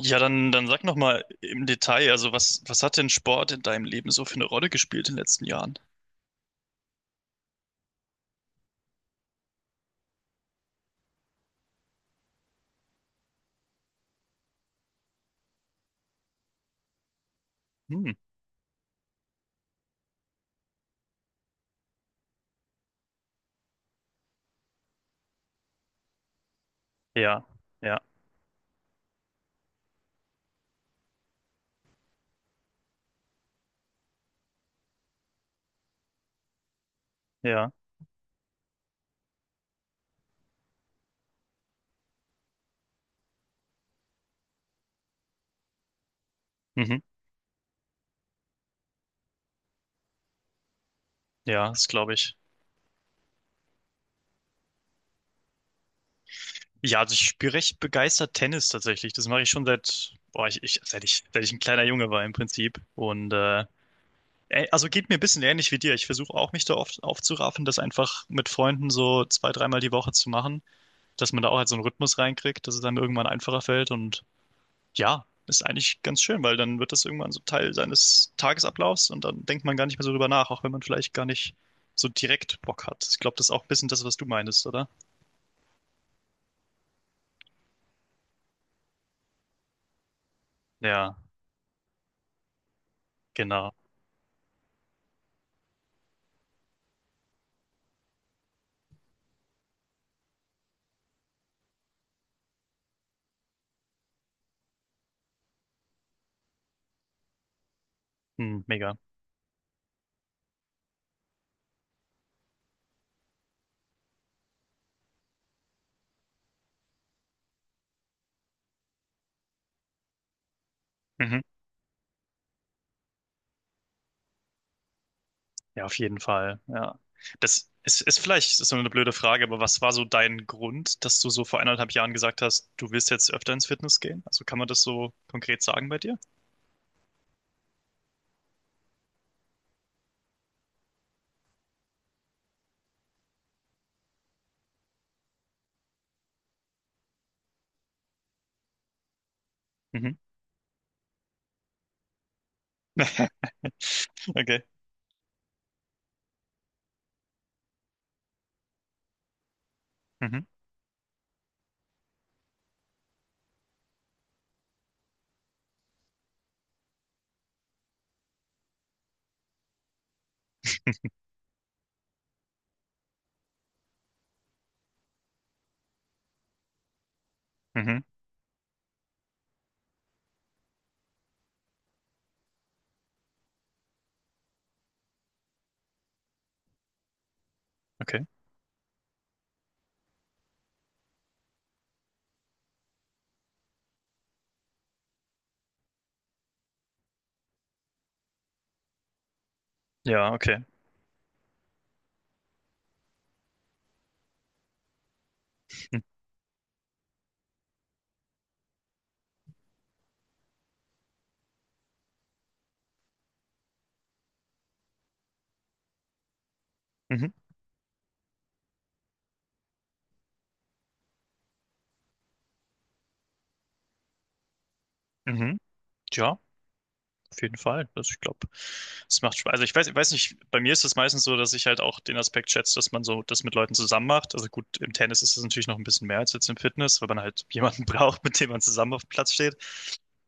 Ja, dann sag noch mal im Detail, also was hat denn Sport in deinem Leben so für eine Rolle gespielt in den letzten Jahren? Hm, ja, ja, ja, mhm, ja, das glaube ich. Ja, also ich spiele recht begeistert Tennis tatsächlich. Das mache ich schon seit, boah, seit ich ein kleiner Junge war im Prinzip. Und also geht mir ein bisschen ähnlich wie dir. Ich versuche auch mich da oft aufzuraffen, das einfach mit Freunden so zwei, dreimal die Woche zu machen, dass man da auch halt so einen Rhythmus reinkriegt, dass es dann irgendwann einfacher fällt und ja, ist eigentlich ganz schön, weil dann wird das irgendwann so Teil seines Tagesablaufs und dann denkt man gar nicht mehr so drüber nach, auch wenn man vielleicht gar nicht so direkt Bock hat. Ich glaube, das ist auch ein bisschen das, was du meinst, oder? Ja, genau. Hm, mega. Mhm. Ja, auf jeden Fall. Ja. Das ist, ist vielleicht ist so eine blöde Frage, aber was war so dein Grund, dass du so vor 1,5 Jahren gesagt hast, du willst jetzt öfter ins Fitness gehen? Also kann man das so konkret sagen bei dir? Mhm. Okay. Mhm. Mhm. Okay. Ja, okay. Mhm. Mhm. Mhm. Ja, auf jeden Fall. Also ich glaube, es macht Spaß. Also ich weiß nicht, bei mir ist es meistens so, dass ich halt auch den Aspekt schätze, dass man so das mit Leuten zusammen macht. Also gut, im Tennis ist es natürlich noch ein bisschen mehr als jetzt im Fitness, weil man halt jemanden braucht, mit dem man zusammen auf dem Platz steht.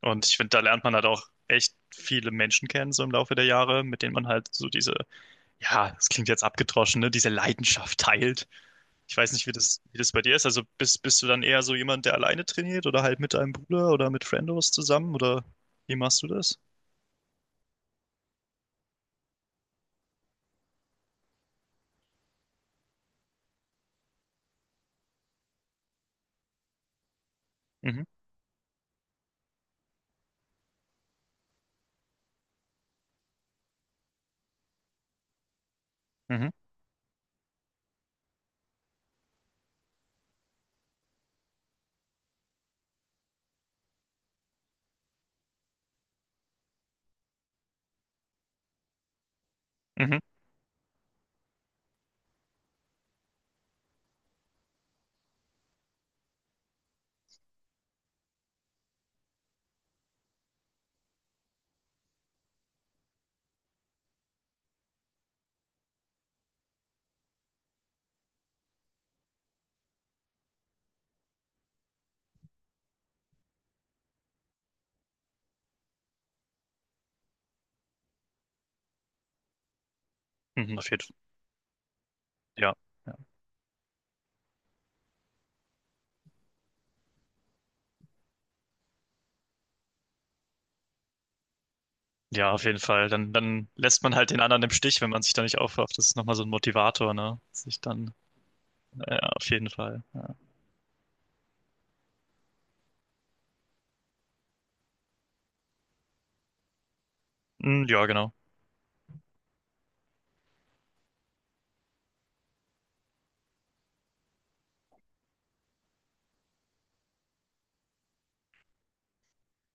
Und ich finde, da lernt man halt auch echt viele Menschen kennen, so im Laufe der Jahre, mit denen man halt so diese, ja, das klingt jetzt abgedroschen, ne, diese Leidenschaft teilt. Ich weiß nicht, wie das bei dir ist. Also bist du dann eher so jemand, der alleine trainiert oder halt mit deinem Bruder oder mit Friendos zusammen oder wie machst du das? Mhm. Mhm. Mhm. Mhm. Auf jeden Fall. Ja. Ja, ja, auf jeden Fall. Dann lässt man halt den anderen im Stich, wenn man sich da nicht aufrafft. Das ist nochmal so ein Motivator, ne? Sich dann, ja, auf jeden Fall. Ja, mm, ja genau.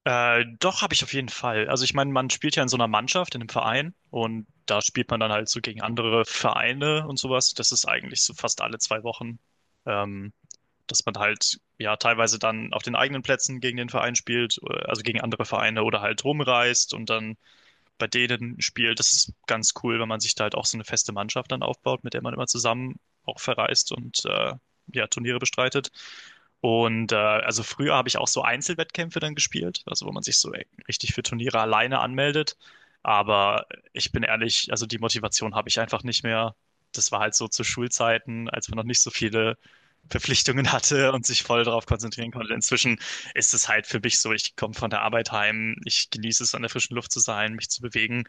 Doch, habe ich auf jeden Fall. Also ich meine, man spielt ja in so einer Mannschaft, in einem Verein und da spielt man dann halt so gegen andere Vereine und sowas. Das ist eigentlich so fast alle 2 Wochen, ähm, dass man halt ja teilweise dann auf den eigenen Plätzen gegen den Verein spielt, also gegen andere Vereine oder halt rumreist und dann bei denen spielt. Das ist ganz cool, wenn man sich da halt auch so eine feste Mannschaft dann aufbaut, mit der man immer zusammen auch verreist und ja, Turniere bestreitet. Und also früher habe ich auch so Einzelwettkämpfe dann gespielt, also wo man sich so richtig für Turniere alleine anmeldet. Aber ich bin ehrlich, also die Motivation habe ich einfach nicht mehr. Das war halt so zu Schulzeiten, als man noch nicht so viele Verpflichtungen hatte und sich voll darauf konzentrieren konnte. Inzwischen ist es halt für mich so, ich komme von der Arbeit heim, ich genieße es, an der frischen Luft zu sein, mich zu bewegen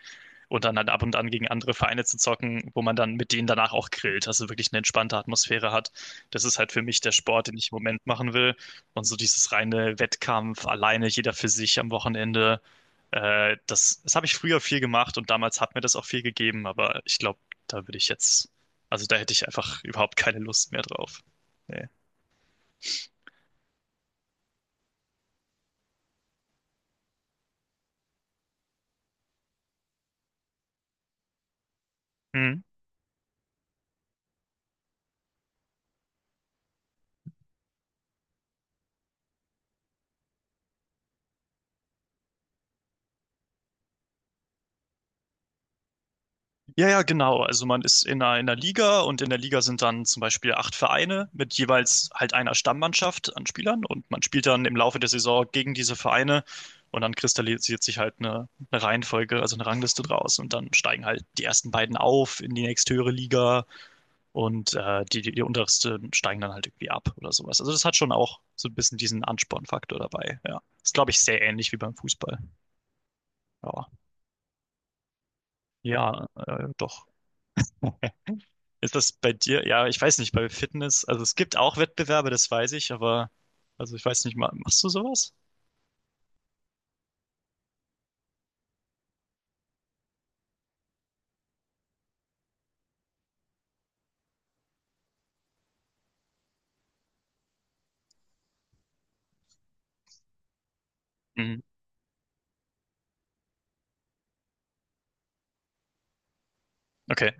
und dann halt ab und an gegen andere Vereine zu zocken, wo man dann mit denen danach auch grillt, also wirklich eine entspannte Atmosphäre hat. Das ist halt für mich der Sport, den ich im Moment machen will. Und so dieses reine Wettkampf, alleine, jeder für sich am Wochenende, das habe ich früher viel gemacht und damals hat mir das auch viel gegeben, aber ich glaube, da würde ich jetzt, also da hätte ich einfach überhaupt keine Lust mehr drauf. Nee. Hm. Ja, ja, genau. Also man ist in einer Liga und in der Liga sind dann zum Beispiel acht Vereine mit jeweils halt einer Stammmannschaft an Spielern und man spielt dann im Laufe der Saison gegen diese Vereine und dann kristallisiert sich halt eine Reihenfolge, also eine Rangliste draus und dann steigen halt die ersten beiden auf in die nächsthöhere Liga und die untersten steigen dann halt irgendwie ab oder sowas. Also das hat schon auch so ein bisschen diesen Anspornfaktor dabei. Ja, ist glaube ich sehr ähnlich wie beim Fußball. Ja, ja, doch. Ist das bei dir? Ja, ich weiß nicht, bei Fitness, also es gibt auch Wettbewerbe, das weiß ich, aber also ich weiß nicht, machst du sowas? Mhm. Okay,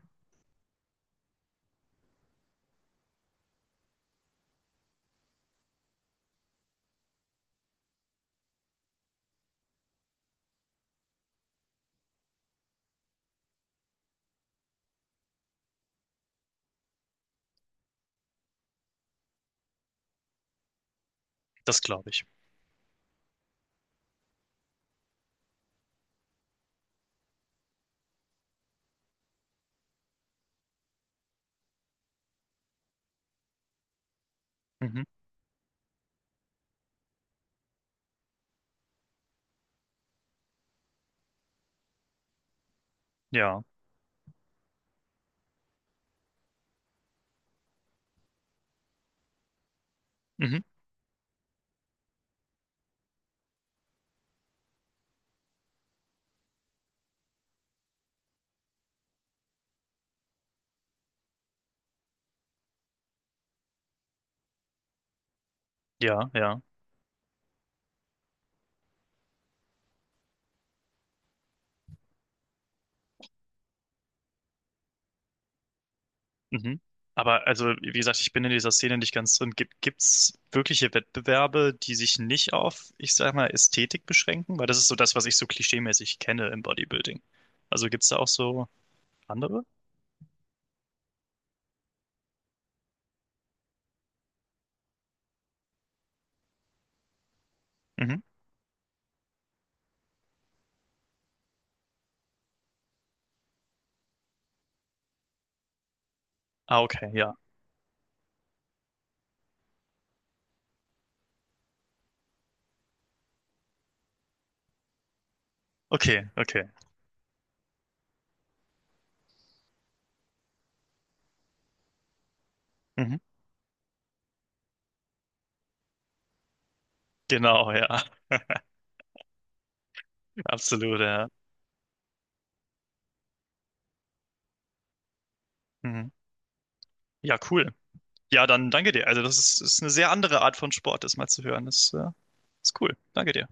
das glaube ich. Mhm. Ja. Mhm. Ja, ja. Mhm. Aber also, wie gesagt, ich bin in dieser Szene nicht ganz drin. Gibt's wirkliche Wettbewerbe, die sich nicht auf, ich sag mal, Ästhetik beschränken? Weil das ist so das, was ich so klischeemäßig kenne im Bodybuilding. Also gibt's da auch so andere? Mhm. Ah, okay, ja. Okay, okay. Mhm. Genau, ja. Absolut, ja. Mhm. Ja, cool. Ja, dann danke dir. Also das ist eine sehr andere Art von Sport, das mal zu hören. Das ist cool. Danke dir.